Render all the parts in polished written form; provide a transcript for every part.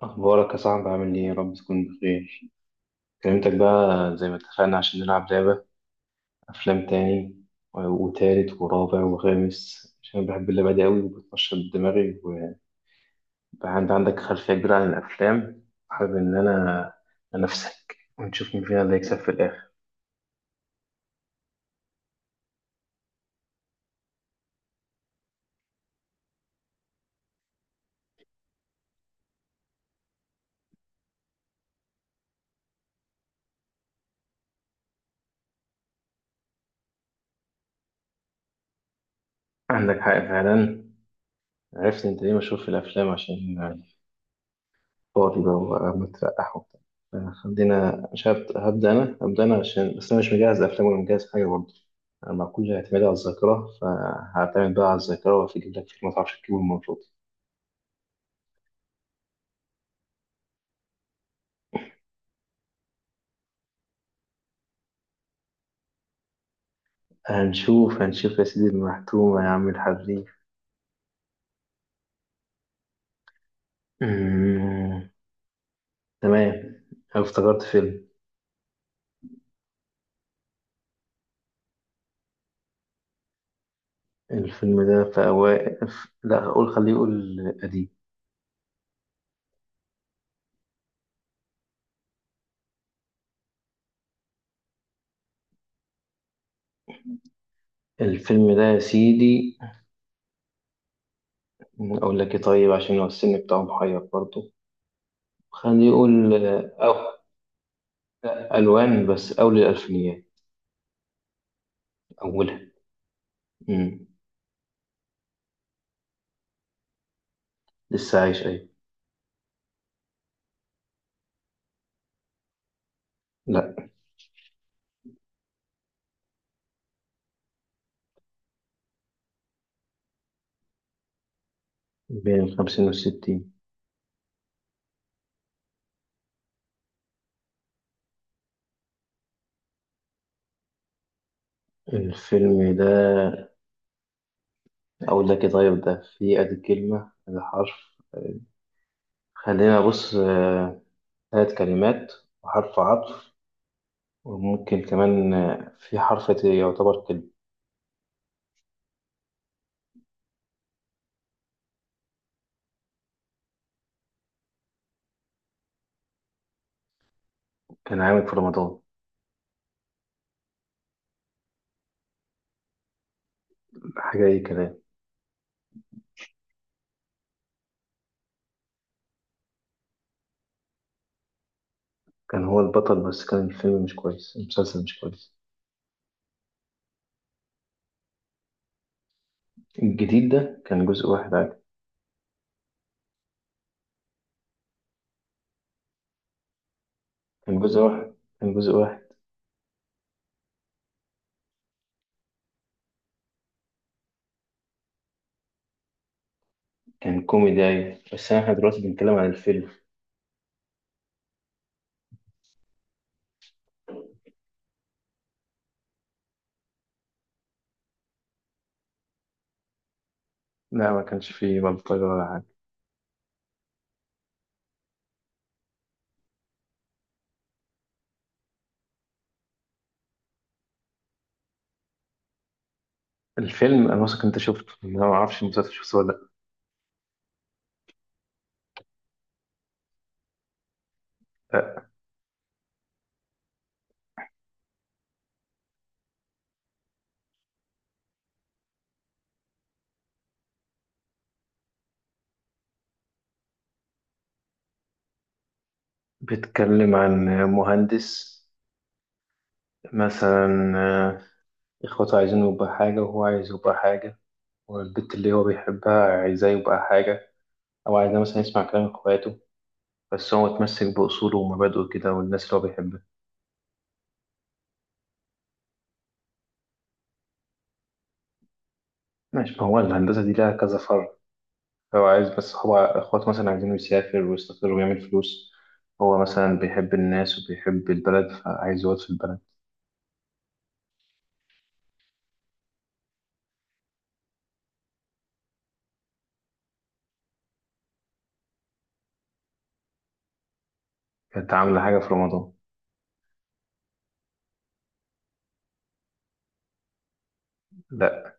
أخبارك يا صاحبي عامل إيه؟ يا رب تكون بخير، كلمتك بقى زي ما اتفقنا عشان نلعب لعبة أفلام تاني وتالت ورابع وخامس عشان أنا بحب اللعبة دي أوي وبتنشط دماغي وبقى عندك خلفية كبيرة عن الأفلام. حابب إن أنا أنافسك ونشوف مين فينا اللي هيكسب في الآخر. عندك حق فعلا، عرفت أنت ليه مشهور في الأفلام؟ عشان فاضي بقى وقاعد مترقح وبتاع. خلينا، مش هبت- هبدأ أنا، عشان بس أنا مش مجهز أفلام ولا مجهز حاجة برضه. أنا مع كل اعتمادي على الذاكرة فهعتمد بقى على الذاكرة وهجيب لك فيلم ما تعرفش تجيبه المفروض. هنشوف هنشوف يا سيدي المحتومة يا عم الحريف. أمم، تمام. أنا افتكرت فيلم. الفيلم ده في أوائل، لا أقول خليه يقول قديم. الفيلم ده يا سيدي، أقول لك إيه طيب، عشان هو السن بتاعه محير برضه. خليه يقول. أو ألوان بس أول الألفينيات. أولها. مم. لسه عايش أيوة. لأ. بين الخمسين والستين. الفيلم ده، أقول لك إيه طيب، ده فيه أدي كلمة أدي حرف. خلينا بص، تلات كلمات وحرف عطف وممكن كمان في حرف يعتبر كلمة. كان عامل في رمضان حاجة أي كلام. كان هو البطل بس كان الفيلم مش كويس، المسلسل مش كويس. الجديد ده كان جزء واحد عادي. كان جزء واحد. كان جزء واحد. كان كوميدي أيوة، بس احنا دلوقتي بنتكلم عن الفيلم. لا، ما كانش فيه بلطجة ولا حاجة. الفيلم أنا واثق أنت شفته، أنا ما أعرفش المسلسل شفته ولا لأ. بيتكلم عن مهندس مثلا. أه، إخواته عايزين يبقى حاجة وهو عايز يبقى حاجة. والبنت اللي هو بيحبها عايزاه يبقى حاجة، أو عايزاه مثلا يسمع كلام إخواته، بس هو متمسك بأصوله ومبادئه كده والناس اللي هو بيحبها. ماشي، ما هو الهندسة دي لها كذا فرع. هو عايز، بس هو اخواته مثلا عايزينه يسافر ويستقر ويعمل فلوس. هو مثلا بيحب الناس وبيحب البلد فعايز يقعد في البلد. كانت عاملة حاجة في رمضان. لا.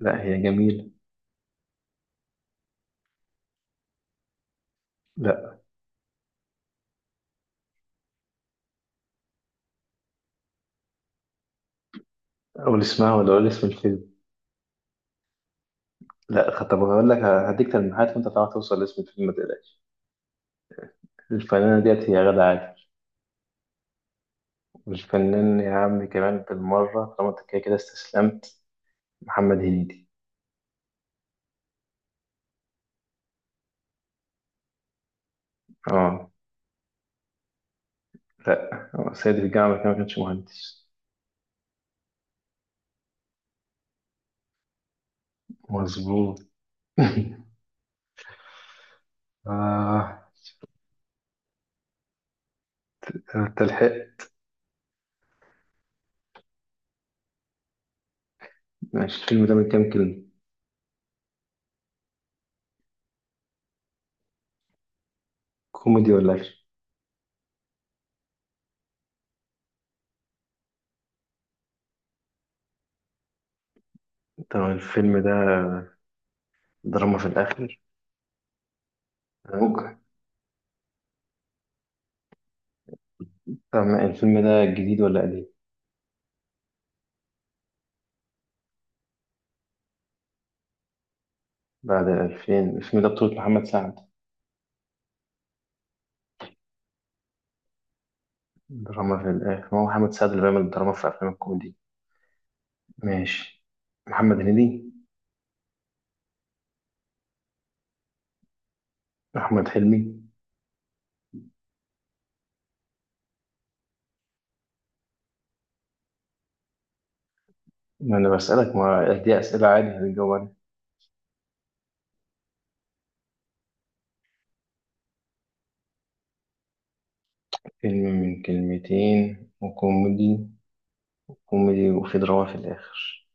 لا، هي جميلة. لا. قول اسمها ولا قول اسم الفيلم. لا طب هقول لك، هديك تلميحات وانت تعرف توصل لاسم الفيلم، ما تقلقش. الفنانة ديت هي غادة عادل. والفنان يا عم كمان بالمرة طالما انت كده كده استسلمت، محمد هنيدي. اه. لا، هو سيد الجامعة كمان، ما كانش مهندس. مظبوط. آه. انت لحقت؟ ماشي، الفيلم ده من كام كلمة؟ كوميدي ولا اكشن؟ طب الفيلم ده دراما في الاخر؟ ممكن. طب الفيلم ده جديد ولا قديم؟ بعد الألفين؟ الفيلم ده بطولة محمد سعد. دراما في الاخر، ما هو محمد سعد اللي بيعمل دراما في افلام الكوميدي. ماشي. محمد هنيدي؟ احمد حلمي؟ ما انا بسألك، ما دي أسئلة عادي هتجاوب عليها. فيلم من كلمتين وكوميدي، كوميدي وفي دراما في الآخر.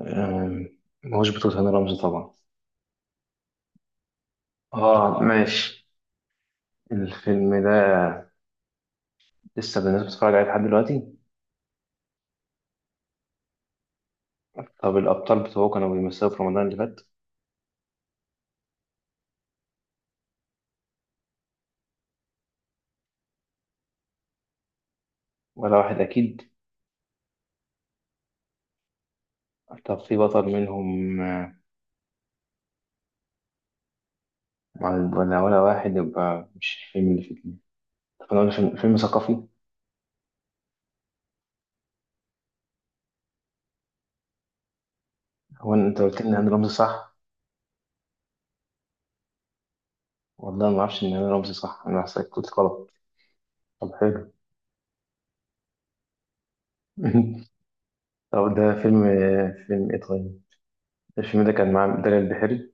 أم، ما هوش بطولة هاني رمزي طبعا؟ اه ماشي. الفيلم ده لسه الناس بتتفرج عليه لحد دلوقتي؟ طب الأبطال بتوعه كانوا بيمثلوا في رمضان اللي فات؟ ولا واحد أكيد؟ طب في بطل منهم ولا واحد؟ يبقى مش الفيلم اللي فاتني. طب أنا أقول فيلم، فيلم ثقافي؟ هو أنت قلت لي إن هاني رمزي صح؟ والله ما أعرفش إن هاني رمزي صح، أنا حسيت كنت غلط. طب حلو. طب ده فيلم، فيلم إيه طيب؟ الفيلم ده كان مع دلال البحيري.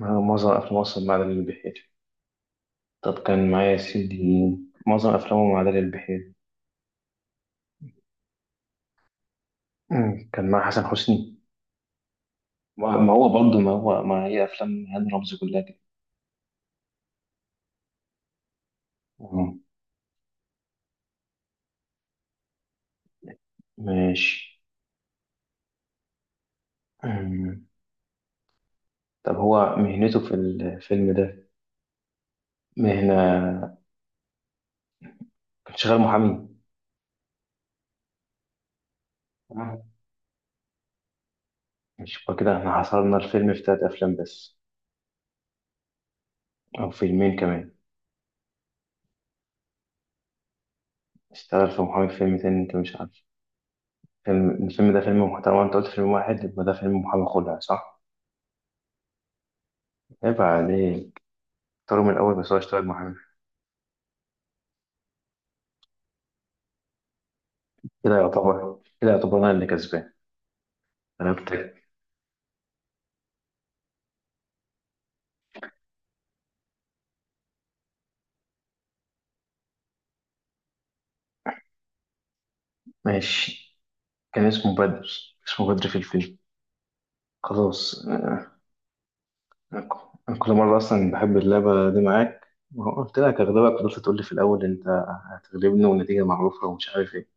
معظم أفلام مصر مع دلال البحيري. طب كان معايا يا سيدي، معظم أفلامه مع دلال البحيري. مم. كان مع حسن حسني. ما هو برضه، ما هي أفلام هاني رمزي كلها كده. مم. ماشي. مم. طب هو مهنته في الفيلم ده، مهنة، كان شغال محامي؟ تمام؟ مش يبقى كده احنا حصرنا الفيلم في تلات أفلام بس، أو فيلمين كمان. اشتغل في محامي في فيلم تاني أنت مش عارف. فيلم الفيلم ده فيلم محترم، أنت قلت فيلم واحد، يبقى ده فيلم محامي خلع صح؟ عيب عليك. اختاروا من الأول، بس هو اشتغل محامي. كده يعتبر، أنا اللي كسبان. غلبتك. ماشي، كان اسمه بدر. اسمه بدر في الفيلم. خلاص. أنا كل مرة أصلا بحب اللعبة دي معاك، ما هو قلت لك هغلبك فضلت تقول لي في الأول أنت هتغلبني والنتيجة معروفة ومش عارف إيه.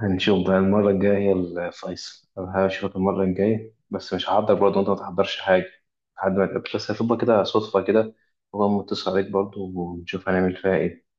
هنشوف بقى المرة الجاية هي الفيصل. أنا هشوفك المرة الجاية بس مش هحضر برضه وأنت ما تحضرش حاجة لحد ما تقابل، بس هتبقى كده صدفة كده، وأقوم متصل عليك برضه ونشوف هنعمل فيها إيه.